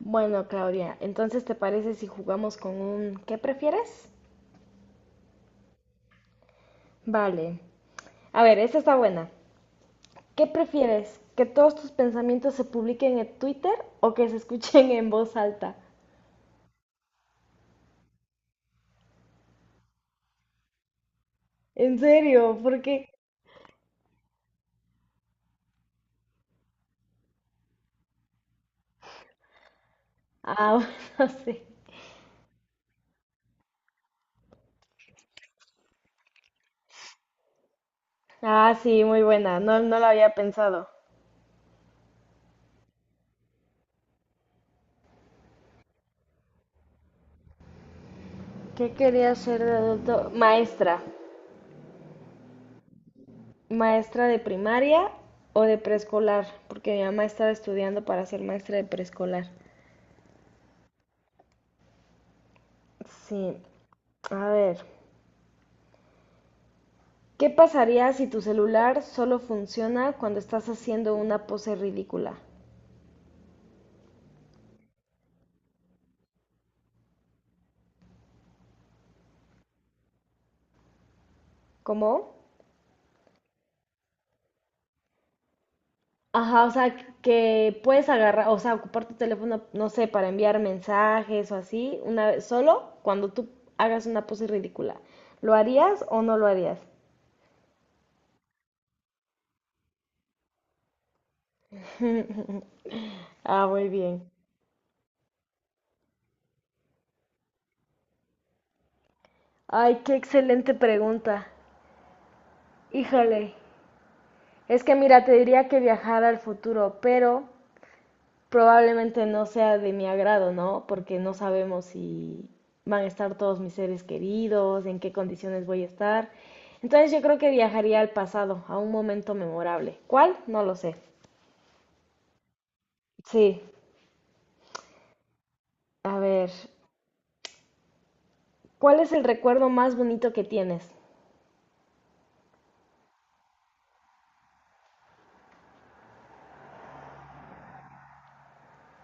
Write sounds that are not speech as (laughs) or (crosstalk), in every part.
Bueno, Claudia, entonces ¿te parece si jugamos con un ¿qué prefieres? Vale. A ver, esta está buena. ¿Qué prefieres? ¿Que todos tus pensamientos se publiquen en Twitter o que se escuchen en voz alta? ¿En serio? ¿Por qué? Ah, (laughs) bueno, sí. Ah, sí, muy buena. No, no lo había pensado. ¿Qué quería ser de adulto? Maestra. Maestra de primaria o de preescolar, porque mi mamá estaba estudiando para ser maestra de preescolar. Sí. A ver. ¿Qué pasaría si tu celular solo funciona cuando estás haciendo una pose ridícula? ¿Cómo? Ajá, o sea, que puedes agarrar, o sea, ocupar tu teléfono, no sé, para enviar mensajes o así, una vez, solo cuando tú hagas una pose ridícula. ¿Lo harías o no lo harías? Ah, muy bien. Ay, qué excelente pregunta. Híjole. Es que mira, te diría que viajar al futuro, pero probablemente no sea de mi agrado, ¿no? Porque no sabemos si van a estar todos mis seres queridos, en qué condiciones voy a estar. Entonces yo creo que viajaría al pasado, a un momento memorable. ¿Cuál? No lo sé. Sí, a ver, ¿cuál es el recuerdo más bonito que tienes?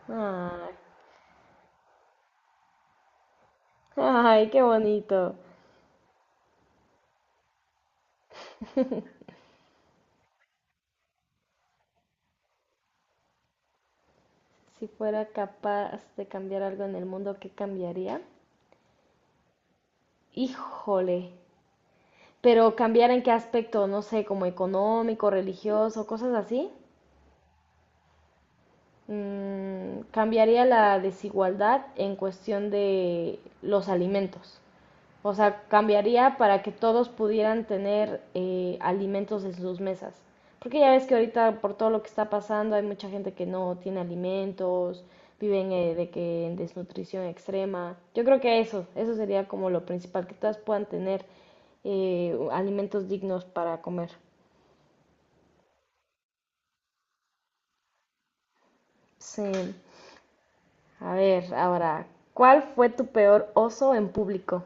Ay, ay, qué bonito. Si fuera capaz de cambiar algo en el mundo, ¿qué cambiaría? Híjole. Pero cambiar en qué aspecto, no sé, como económico, religioso, cosas así. Cambiaría la desigualdad en cuestión de los alimentos. O sea, cambiaría para que todos pudieran tener alimentos en sus mesas. Porque ya ves que ahorita por todo lo que está pasando hay mucha gente que no tiene alimentos, viven de que en desnutrición extrema. Yo creo que eso sería como lo principal, que todas puedan tener alimentos dignos para comer. Sí. A ver, ahora, ¿cuál fue tu peor oso en público?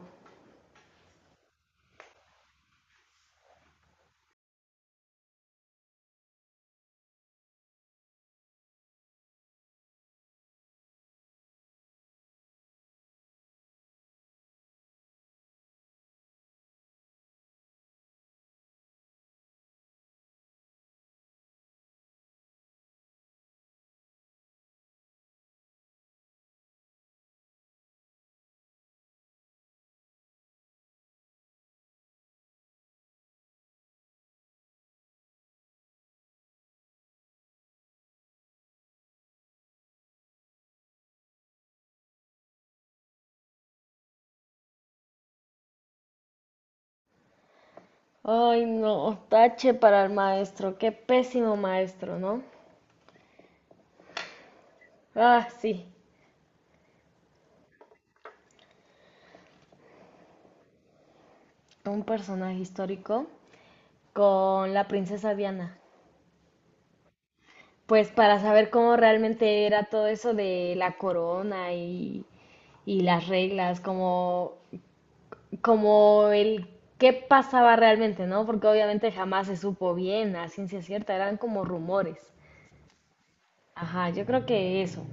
Ay, no, tache para el maestro, qué pésimo maestro, ¿no? Ah, sí, un personaje histórico con la princesa Diana. Pues para saber cómo realmente era todo eso de la corona y las reglas, como, como el qué pasaba realmente, ¿no? Porque obviamente jamás se supo bien, a ciencia cierta, eran como rumores. Ajá, yo creo que eso.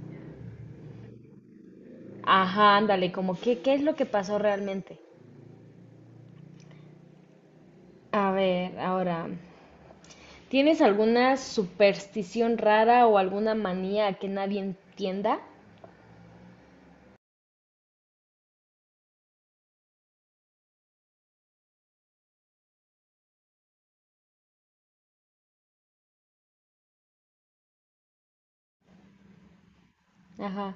Ajá, ándale, como que, ¿qué es lo que pasó realmente? A ver, ahora, ¿tienes alguna superstición rara o alguna manía que nadie entienda? Ajá.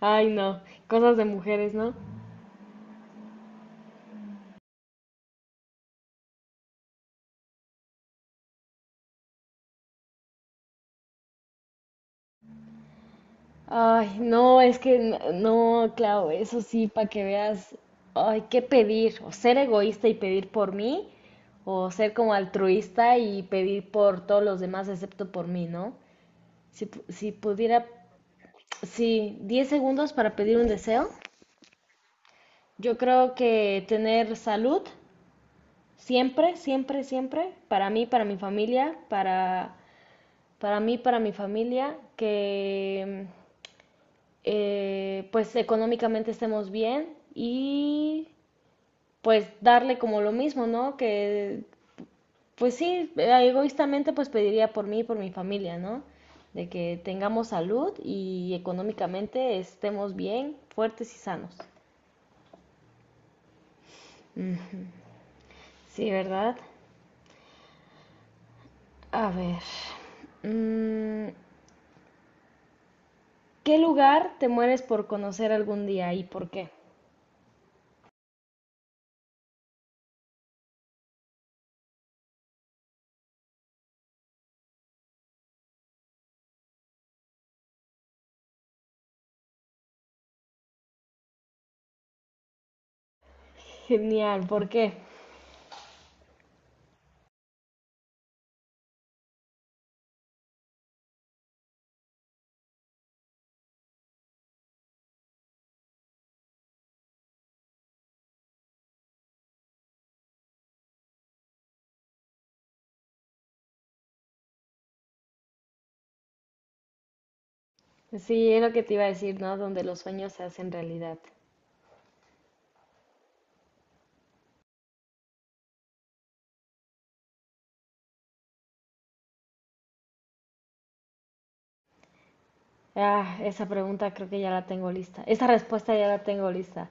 Ay, no, cosas de mujeres, ¿no? Ay, no, es que no, claro, eso sí, para que veas, ay, ¿qué pedir? O ser egoísta y pedir por mí, o ser como altruista y pedir por todos los demás excepto por mí, ¿no? Si, si pudiera, sí, 10 segundos para pedir un deseo. Yo creo que tener salud siempre, siempre, siempre, para mí, para mi familia, para mí, para mi familia, que pues económicamente estemos bien y pues darle como lo mismo, ¿no? Que pues sí, egoístamente pues pediría por mí y por mi familia, ¿no? De que tengamos salud y económicamente estemos bien, fuertes y sanos. Ujú. Sí, ¿verdad? A ver, mm, ¿qué lugar te mueres por conocer algún día y por qué? Genial, ¿por qué? Sí, es lo que te iba a decir, ¿no? Donde los sueños se hacen realidad. Ah, esa pregunta creo que ya la tengo lista. Esa respuesta ya la tengo lista.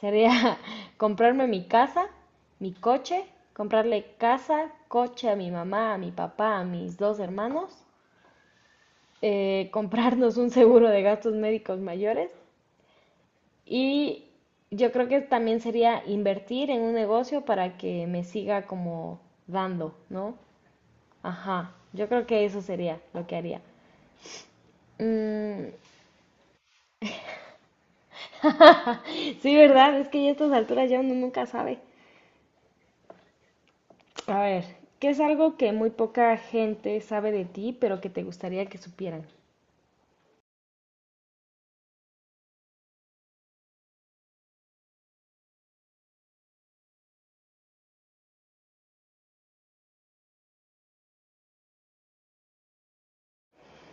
Sería (laughs) comprarme mi casa, mi coche, comprarle casa, coche a mi mamá, a mi papá, a mis dos hermanos, (laughs) comprarnos un seguro de gastos médicos mayores. Y yo creo que también sería invertir en un negocio para que me siga como dando, ¿no? Ajá, yo creo que eso sería lo que haría. Mm, sí, ¿verdad? Es que ya a estas alturas ya uno nunca sabe. A ver, ¿qué es algo que muy poca gente sabe de ti, pero que te gustaría que supieran?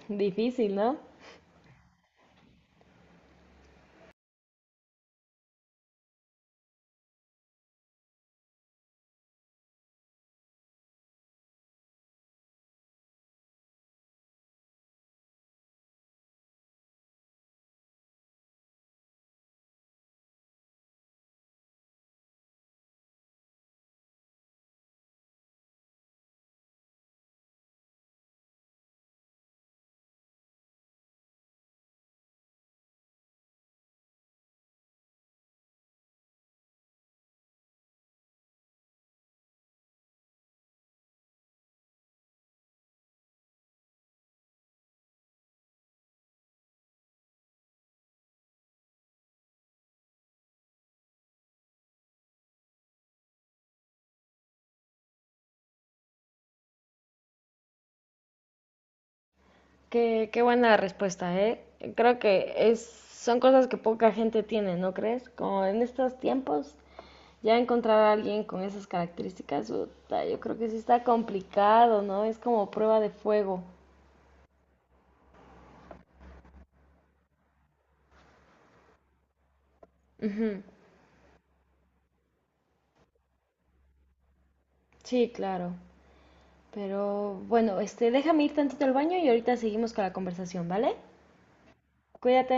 Difícil, ¿no? Qué, qué buena respuesta, ¿eh? Creo que es, son cosas que poca gente tiene, ¿no crees? Como en estos tiempos, ya encontrar a alguien con esas características, puta, yo creo que sí está complicado, ¿no? Es como prueba de fuego. Ujú. Sí, claro. Pero bueno, este, déjame ir tantito al baño y ahorita seguimos con la conversación, ¿vale? Cuídate.